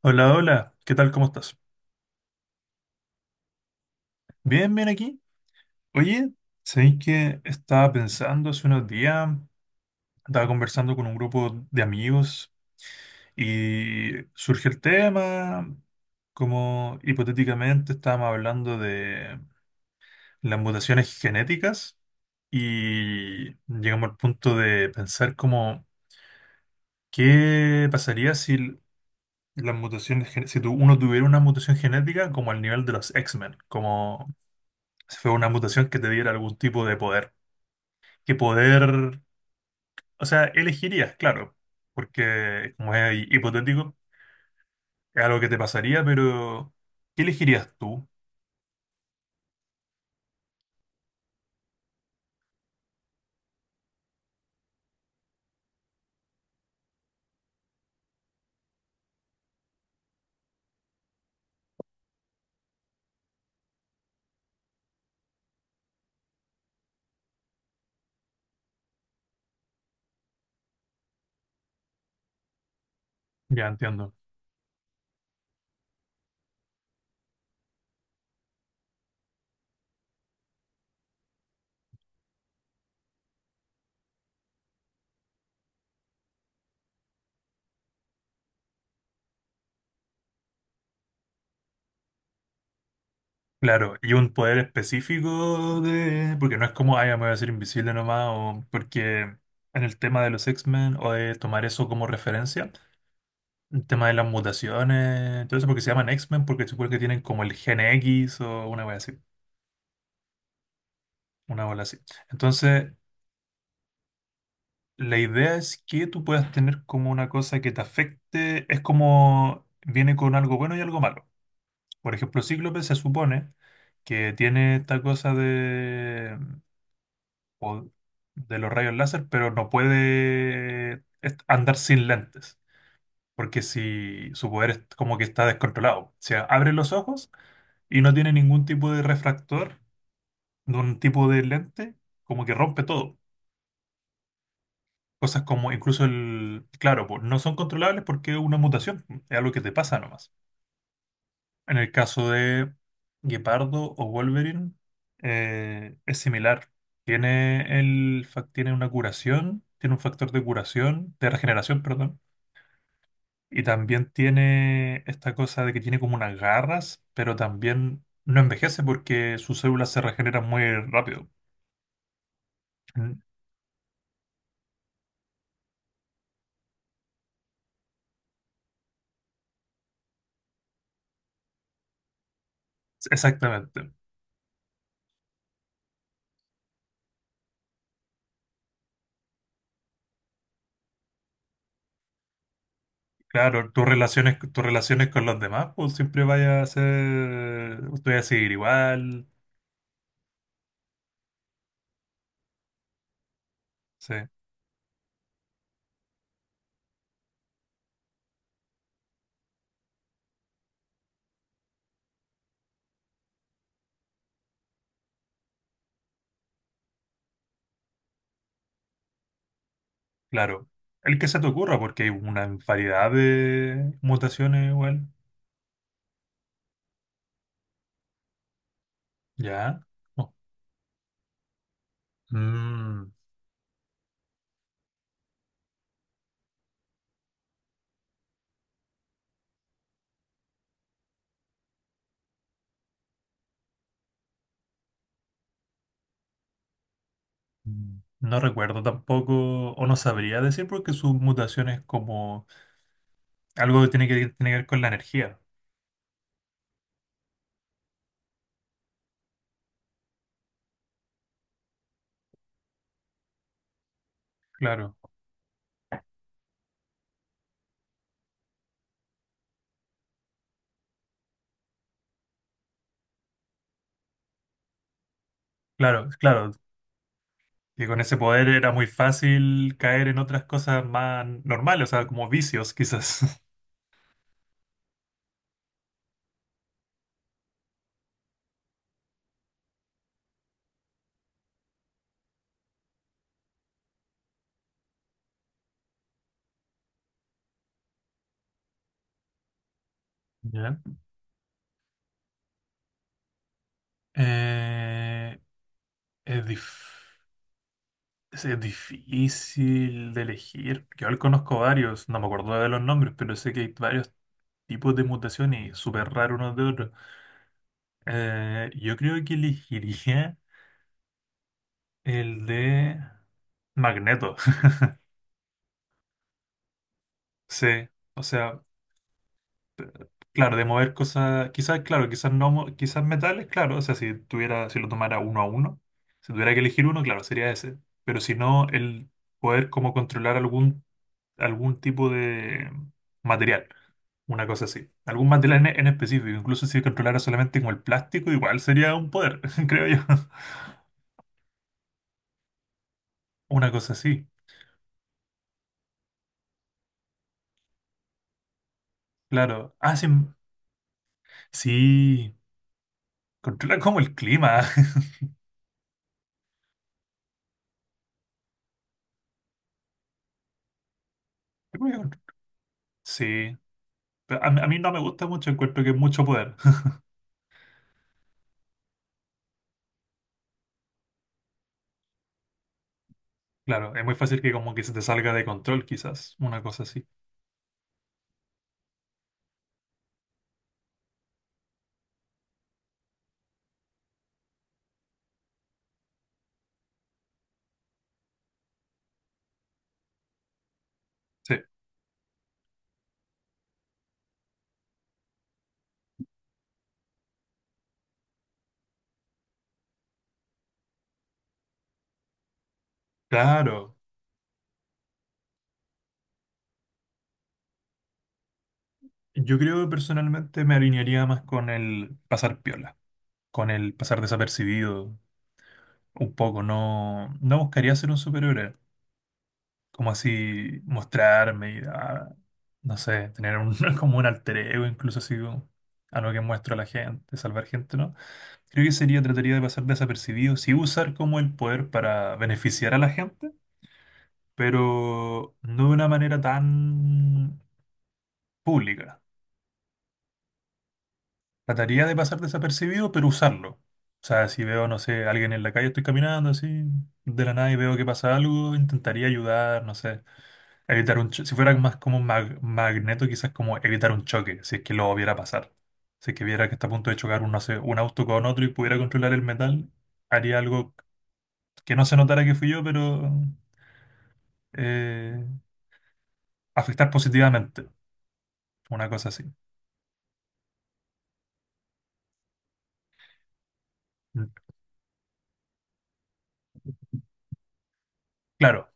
Hola, hola, ¿qué tal? ¿Cómo estás? Bien, bien aquí. Oye, ¿sabéis que estaba pensando hace unos días? Estaba conversando con un grupo de amigos y surge el tema, como hipotéticamente estábamos hablando de las mutaciones genéticas y llegamos al punto de pensar como, ¿qué pasaría si las mutaciones, gen- si tu- uno tuviera una mutación genética como al nivel de los X-Men? Como si fue una mutación que te diera algún tipo de poder. Que poder, o sea, elegirías, claro, porque como es hipotético, es algo que te pasaría, pero ¿qué elegirías tú? Ya entiendo. Claro, y un poder específico de... Porque no es como, ay, ya me voy a hacer invisible nomás, o porque en el tema de los X-Men, o de tomar eso como referencia, el tema de las mutaciones, entonces porque se llaman X-Men, porque supongo que tienen como el gen X o una wea así, una bola así. Entonces, la idea es que tú puedas tener como una cosa que te afecte, es como viene con algo bueno y algo malo. Por ejemplo, Cíclope se supone que tiene esta cosa de, o de los rayos láser, pero no puede andar sin lentes, porque si su poder es como que está descontrolado. O sea, abre los ojos y no tiene ningún tipo de refractor, de un tipo de lente, como que rompe todo. Cosas como incluso el, claro, po, no son controlables porque es una mutación, es algo que te pasa nomás. En el caso de Guepardo o Wolverine, es similar. Tiene, el, tiene una curación, tiene un factor de curación, de regeneración, perdón. Y también tiene esta cosa de que tiene como unas garras, pero también no envejece porque sus células se regeneran muy rápido. Mm, exactamente. Claro, tus relaciones con los demás, pues siempre vaya a ser, tú vas a seguir igual, sí, claro. El que se te ocurra, porque hay una variedad de mutaciones igual, ya. Oh, mm, mm, no recuerdo tampoco, o no sabría decir, porque su mutación es como algo que tiene que, tiene que ver con la energía. Claro, claro, claro. Y con ese poder era muy fácil caer en otras cosas más normales, o sea, como vicios quizás. Ya. Eh, es, dif- es difícil de elegir. Yo al conozco varios, no me acuerdo de los nombres, pero sé que hay varios tipos de mutaciones y súper raros unos de otros. Yo creo que elegiría el de Magneto. Sí, o sea, p- claro, de mover cosas, quizás, claro, quizás no, quizás metales, claro, o sea, si tuviera, si lo tomara uno a uno, si tuviera que elegir uno, claro, sería ese. Pero si no, el poder como controlar algún tipo de material, una cosa así. Algún material en específico, incluso si controlara solamente como el plástico, igual sería un poder, creo yo. Una cosa así, claro. Ah, sí, sí, controla como el clima. ¿Qué voy a sí, pero a mí no me gusta mucho, encuentro que es mucho poder. Claro, es muy fácil que como que se te salga de control, quizás, una cosa así. Sí, claro. Yo creo que personalmente me alinearía más con el pasar piola, con el pasar desapercibido, un poco, no, no buscaría ser un superhéroe, como así mostrarme y ah, no sé, tener un, como un alter ego, incluso así como algo que muestro a la gente, salvar gente, ¿no? Creo que sería, trataría de pasar desapercibido, sí usar como el poder para beneficiar a la gente, pero no de una manera tan pública. Trataría de pasar desapercibido, pero usarlo. O sea, si veo, no sé, alguien en la calle, estoy caminando así, de la nada y veo que pasa algo, intentaría ayudar, no sé evitar un si fuera más como un magneto, quizás como evitar un choque, si es que lo viera pasar. Si es que viera que está a punto de chocar un, no sé, un auto con otro y pudiera controlar el metal, haría algo que no se notara que fui yo, pero eh, afectar positivamente, una cosa así. Mm, claro,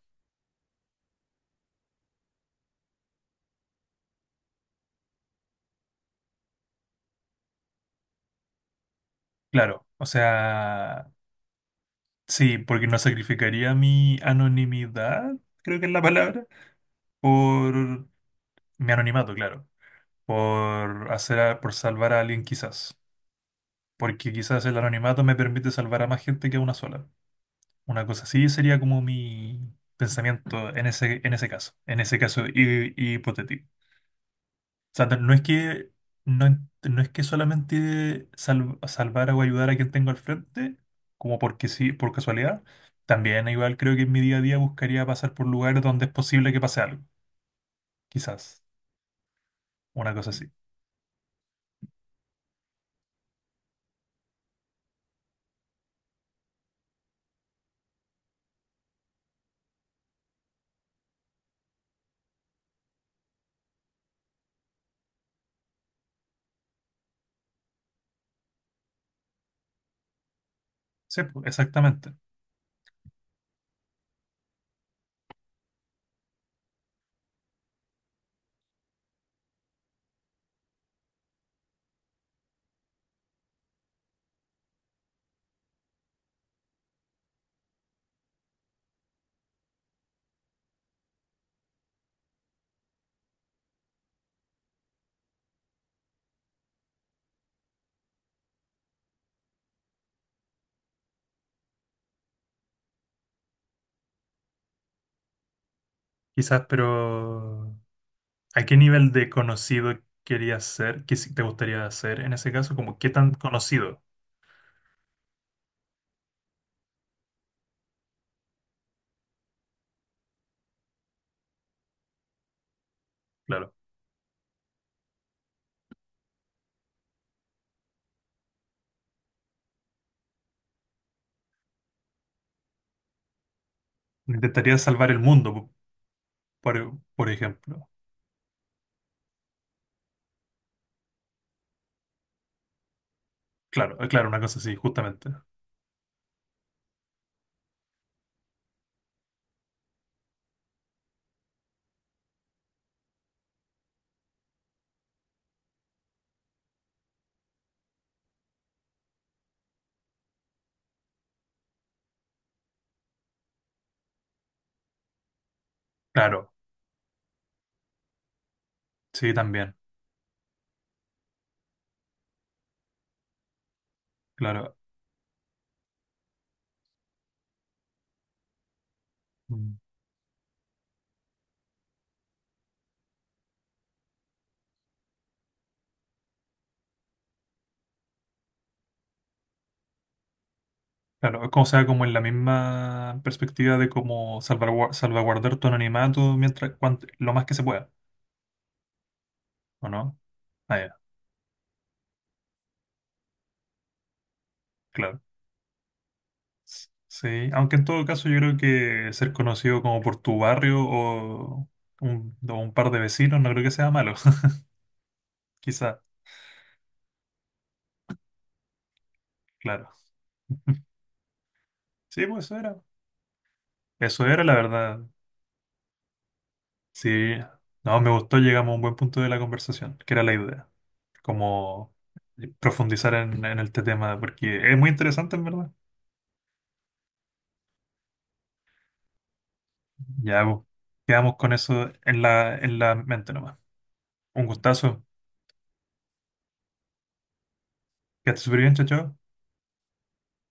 claro. O sea, sí, porque no sacrificaría mi anonimidad, creo que es la palabra, por mi anonimato, claro, por hacer, por salvar a alguien quizás. Porque quizás el anonimato me permite salvar a más gente que a una sola. Una cosa así sería como mi pensamiento en ese caso hipotético. O sea, no no es que, no, no es que solamente salvar o ayudar a quien tengo al frente, como porque sí, por casualidad. También igual creo que en mi día a día buscaría pasar por lugares donde es posible que pase algo, quizás, una cosa así. Sí, pues, exactamente. Quizás, pero... ¿A qué nivel de conocido querías ser? ¿Qué te gustaría ser en ese caso? Como, ¿qué tan conocido? Claro. Intentaría salvar el mundo, por ejemplo. Claro, claro, una cosa así, justamente. Claro, sí, también. Claro. Mm. Claro, es como sea, como en la misma perspectiva de cómo salvaguardar tu anonimato mientras, lo más que se pueda, ¿o no? Ah, ya, claro. Sí, aunque en todo caso yo creo que ser conocido como por tu barrio o un par de vecinos no creo que sea malo, quizá, claro. Sí, pues eso era. Eso era la verdad. Sí, no, me gustó, llegamos a un buen punto de la conversación, que era la idea, como profundizar en este tema, porque es muy interesante en verdad. Ya, pues, quedamos con eso en la mente nomás. Un gustazo, que estés súper bien, chao, chao.